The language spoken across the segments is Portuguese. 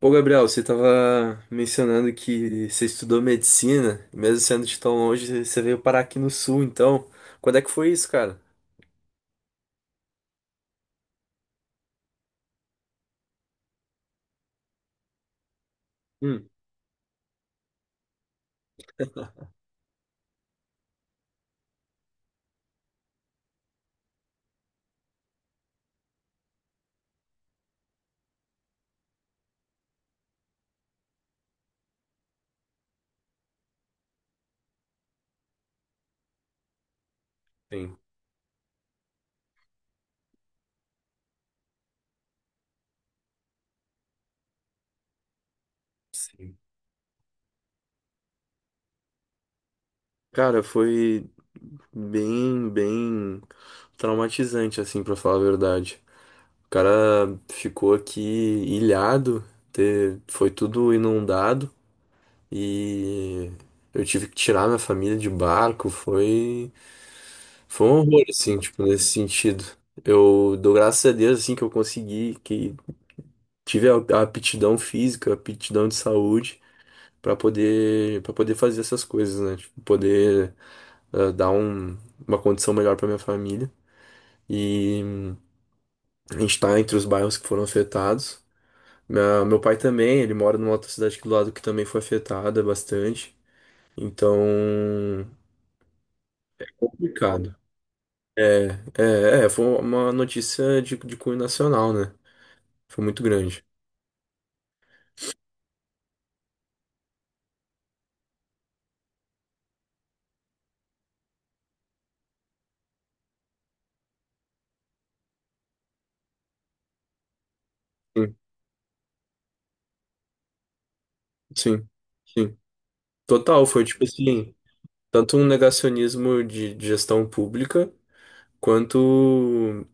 Ô, Gabriel, você estava mencionando que você estudou medicina, mesmo sendo de tão longe, você veio parar aqui no sul, então. Quando é que foi isso, cara? Hum. Sim, sim. Cara, foi bem, bem traumatizante, assim, pra falar a verdade. O cara ficou aqui ilhado, foi tudo inundado e eu tive que tirar minha família de barco, foi. Foi um horror, assim, tipo, nesse sentido. Eu dou graças a Deus, assim, que eu consegui, que tive a aptidão física, a aptidão de saúde para poder fazer essas coisas, né? Tipo, poder dar uma condição melhor para minha família. E a gente tá entre os bairros que foram afetados. Meu pai também, ele mora numa outra cidade aqui do lado que também foi afetada bastante. Então, complicado. É, é, foi uma notícia de cunho nacional, né? Foi muito grande. Sim, sim, sim. Total, foi tipo assim, tanto um negacionismo de gestão pública, quanto,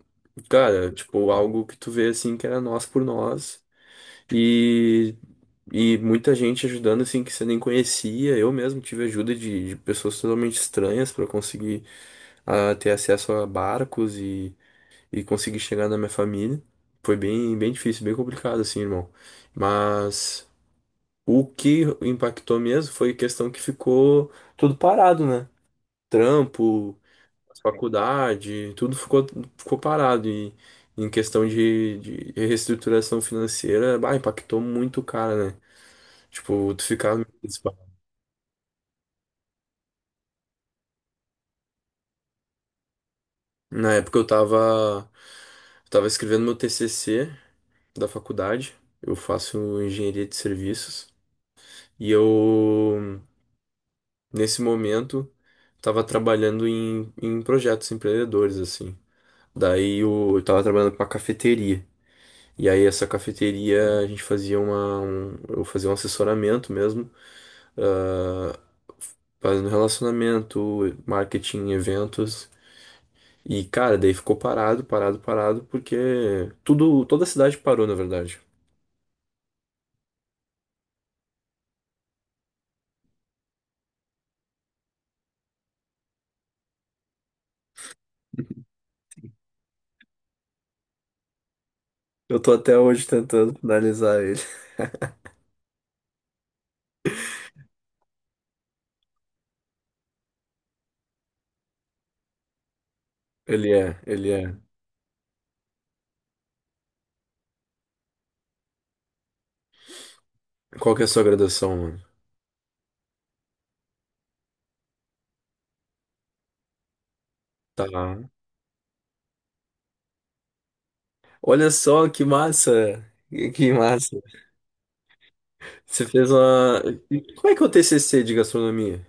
cara, tipo, algo que tu vê assim que era nós por nós. E, e muita gente ajudando assim que você nem conhecia. Eu mesmo tive ajuda de pessoas totalmente estranhas para conseguir ter acesso a barcos e conseguir chegar na minha família. Foi bem, bem difícil, bem complicado assim, irmão. Mas. O que impactou mesmo foi questão que ficou tudo parado, né? Trampo, faculdade, tudo ficou parado. E em questão de reestruturação financeira, bah, impactou muito o cara, né? Tipo, tu ficava. Na época eu tava escrevendo meu TCC da faculdade. Eu faço engenharia de serviços. E eu, nesse momento, tava trabalhando em projetos empreendedores, assim. Daí eu tava trabalhando com a cafeteria. E aí essa cafeteria a gente fazia eu fazia um assessoramento mesmo, ah, fazendo relacionamento, marketing, eventos. E cara, daí ficou parado, parado, parado, porque tudo, toda a cidade parou, na verdade. Eu tô até hoje tentando finalizar ele. Ele é, ele é. Qual que é a sua graduação, mano? Tá. Olha só que massa! Que massa! Você fez uma. Como é que é o TCC de gastronomia?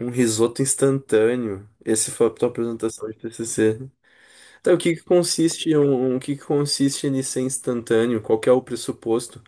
Um risoto instantâneo. Esse foi a tua apresentação de TCC. Tá, o que que consiste o que que consiste ele ser instantâneo? Qual que é o pressuposto?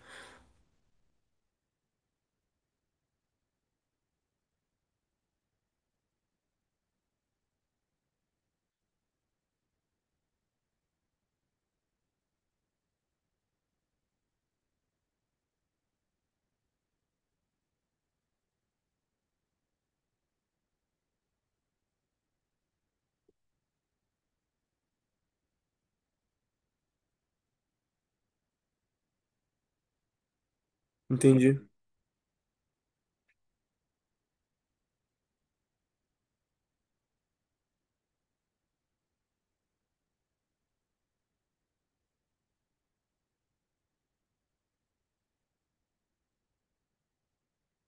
Entendi.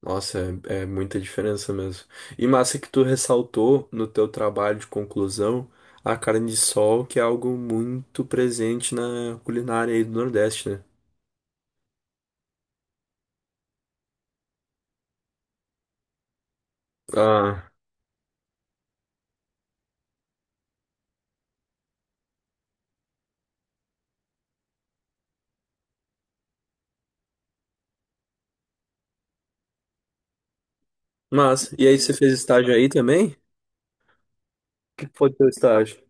Nossa, é muita diferença mesmo. E massa que tu ressaltou no teu trabalho de conclusão a carne de sol, que é algo muito presente na culinária aí do Nordeste, né? Ah, massa. E aí você fez estágio aí também? O que que foi teu estágio?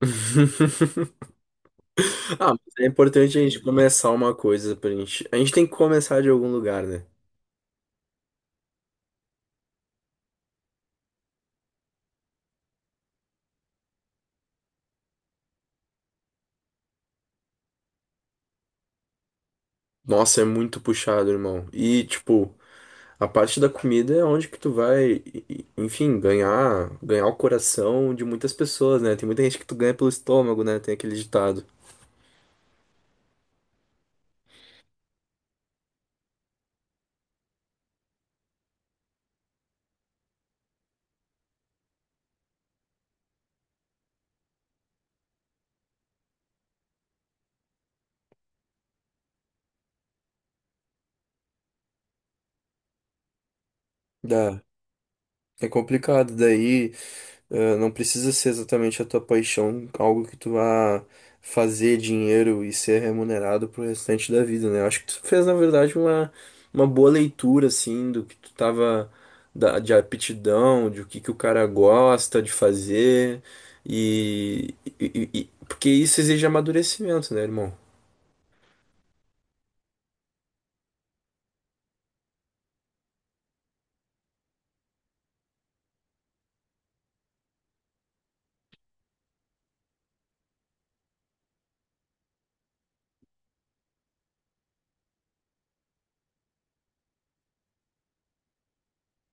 Ah, mas é importante a gente começar uma coisa pra gente. A gente tem que começar de algum lugar, né? Nossa, é muito puxado, irmão. E, tipo, a parte da comida é onde que tu vai, enfim, ganhar, ganhar o coração de muitas pessoas, né? Tem muita gente que tu ganha pelo estômago, né? Tem aquele ditado. Dá. É complicado daí. Não precisa ser exatamente a tua paixão, algo que tu vá fazer dinheiro e ser remunerado pro restante da vida, né? Eu acho que tu fez, na verdade, uma boa leitura, assim, do que tu tava, da, de aptidão, de o que que o cara gosta de fazer, e, porque isso exige amadurecimento, né, irmão?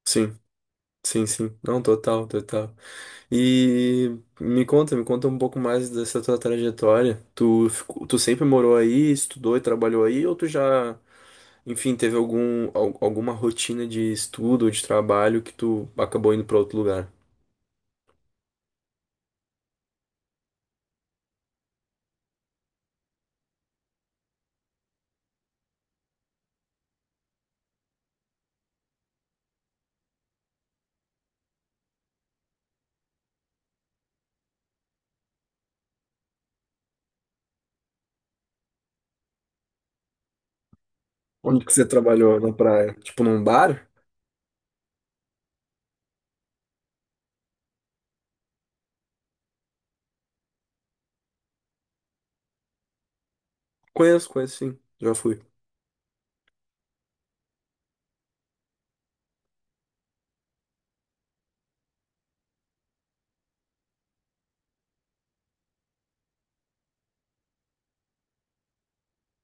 Sim, sim, sim. Não, total, total. E me conta um pouco mais dessa tua trajetória. Tu, tu sempre morou aí, estudou e trabalhou aí, ou tu já, enfim, teve algum, alguma rotina de estudo ou de trabalho que tu acabou indo pra outro lugar? Onde que você trabalhou na praia? Tipo num bar? Conheço, conheço sim, já fui.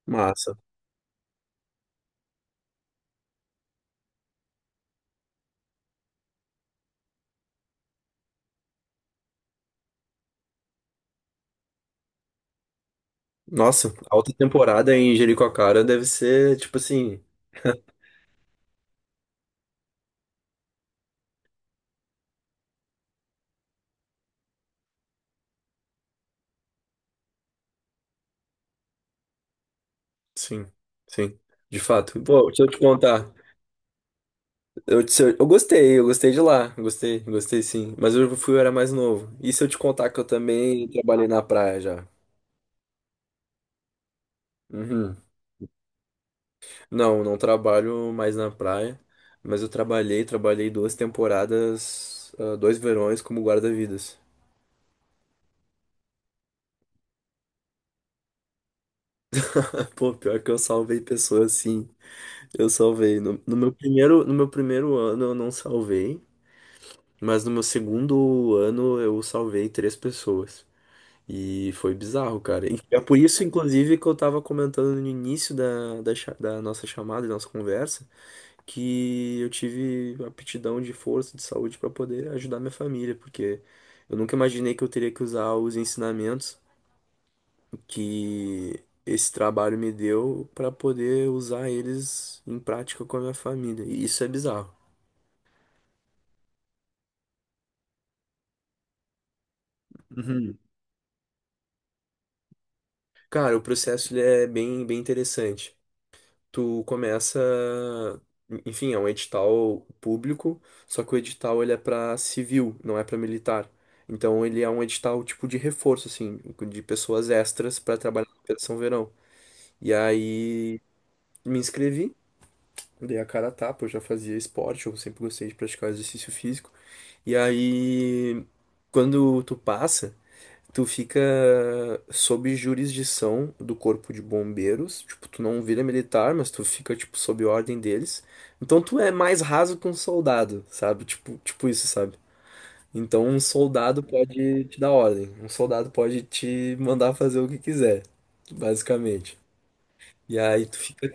Massa. Nossa, a alta temporada em Jericoacoara deve ser, tipo assim, sim, sim, de fato. Pô, deixa eu te contar. Eu, te- eu gostei de lá. Gostei, gostei sim. Mas eu fui, eu era mais novo. E se eu te contar que eu também trabalhei na praia já? Uhum. Não, não trabalho mais na praia. Mas eu trabalhei duas temporadas, dois verões como guarda-vidas. Pô, pior que eu salvei pessoas, sim. Eu salvei. No meu primeiro ano eu não salvei. Mas no meu segundo ano eu salvei três pessoas. E foi bizarro, cara. E é por isso, inclusive, que eu tava comentando no início da nossa chamada, da nossa conversa, que eu tive aptidão de força, de saúde para poder ajudar minha família, porque eu nunca imaginei que eu teria que usar os ensinamentos que esse trabalho me deu para poder usar eles em prática com a minha família. E isso é bizarro. Uhum. Cara, o processo ele é bem, bem interessante. Tu começa, enfim, é um edital público, só que o edital ele é para civil, não é para militar. Então ele é um edital tipo de reforço assim, de pessoas extras para trabalhar na Operação Verão. E aí me inscrevi, dei a cara a tapa, eu já fazia esporte, eu sempre gostei de praticar exercício físico. E aí quando tu passa. Tu fica sob jurisdição do corpo de bombeiros, tipo, tu não vira militar, mas tu fica, tipo, sob ordem deles. Então tu é mais raso que um soldado, sabe? Tipo isso, sabe? Então um soldado pode te dar ordem, um soldado pode te mandar fazer o que quiser, basicamente. E aí tu fica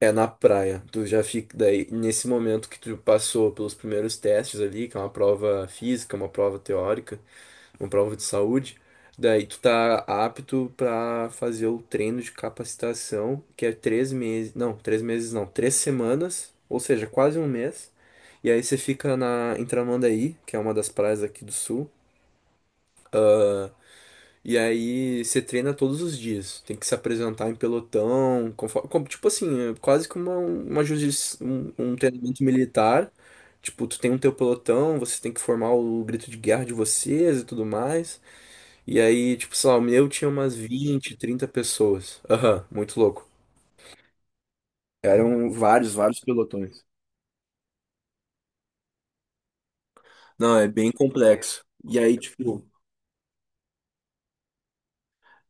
é na praia, tu já fica daí nesse momento que tu passou pelos primeiros testes ali, que é uma prova física, uma prova teórica, uma prova de saúde, daí tu tá apto pra fazer o treino de capacitação, que é 3 meses, não, 3 meses não, 3 semanas, ou seja, quase um mês. E aí você fica em Tramandaí, que é uma das praias aqui do sul. Ah, e aí você treina todos os dias. Tem que se apresentar em pelotão, conforme, tipo assim, é quase que um treinamento militar. Tipo, tu tem um teu pelotão, você tem que formar o grito de guerra de vocês e tudo mais. E aí, tipo, sei lá, o meu tinha umas 20 30 pessoas. Aham, muito louco. Eram vários, vários pelotões. Não, é bem complexo. E aí, tipo,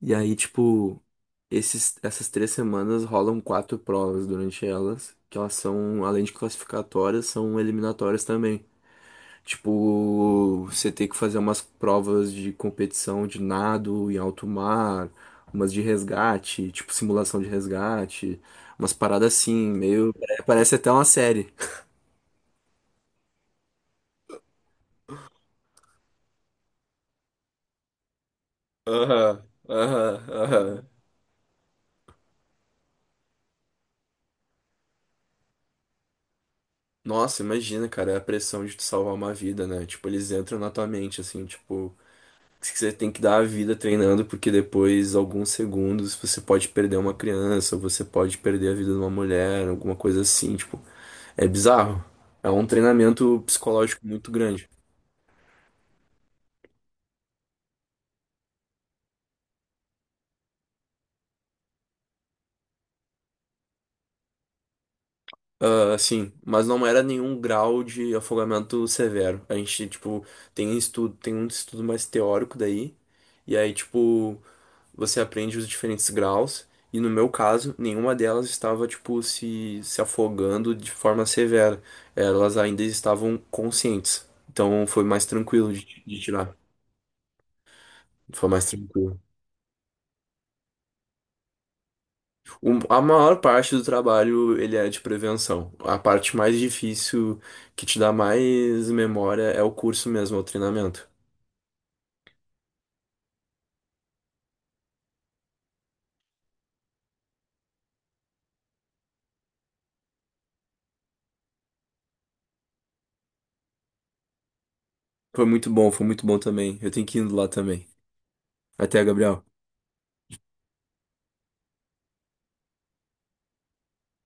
e aí, tipo, esses, essas 3 semanas rolam quatro provas durante elas, que elas são, além de classificatórias, são eliminatórias também. Tipo, você ter que fazer umas provas de competição de nado em alto mar, umas de resgate, tipo simulação de resgate, umas paradas assim, meio, parece até uma série. Aham, aham, aham. Nossa, imagina, cara, a pressão de tu salvar uma vida, né? Tipo, eles entram na tua mente, assim, tipo, que você tem que dar a vida treinando, porque depois, alguns segundos, você pode perder uma criança, ou você pode perder a vida de uma mulher, alguma coisa assim, tipo. É bizarro. É um treinamento psicológico muito grande. Ah, sim, mas não era nenhum grau de afogamento severo. A gente, tipo, tem estudo, tem um estudo mais teórico daí, e aí, tipo, você aprende os diferentes graus, e no meu caso, nenhuma delas estava, tipo, se afogando de forma severa. Elas ainda estavam conscientes. Então foi mais tranquilo de tirar. Foi mais tranquilo. A maior parte do trabalho ele é de prevenção. A parte mais difícil que te dá mais memória é o curso mesmo, é o treinamento. Foi muito bom também. Eu tenho que ir indo lá também. Até, Gabriel.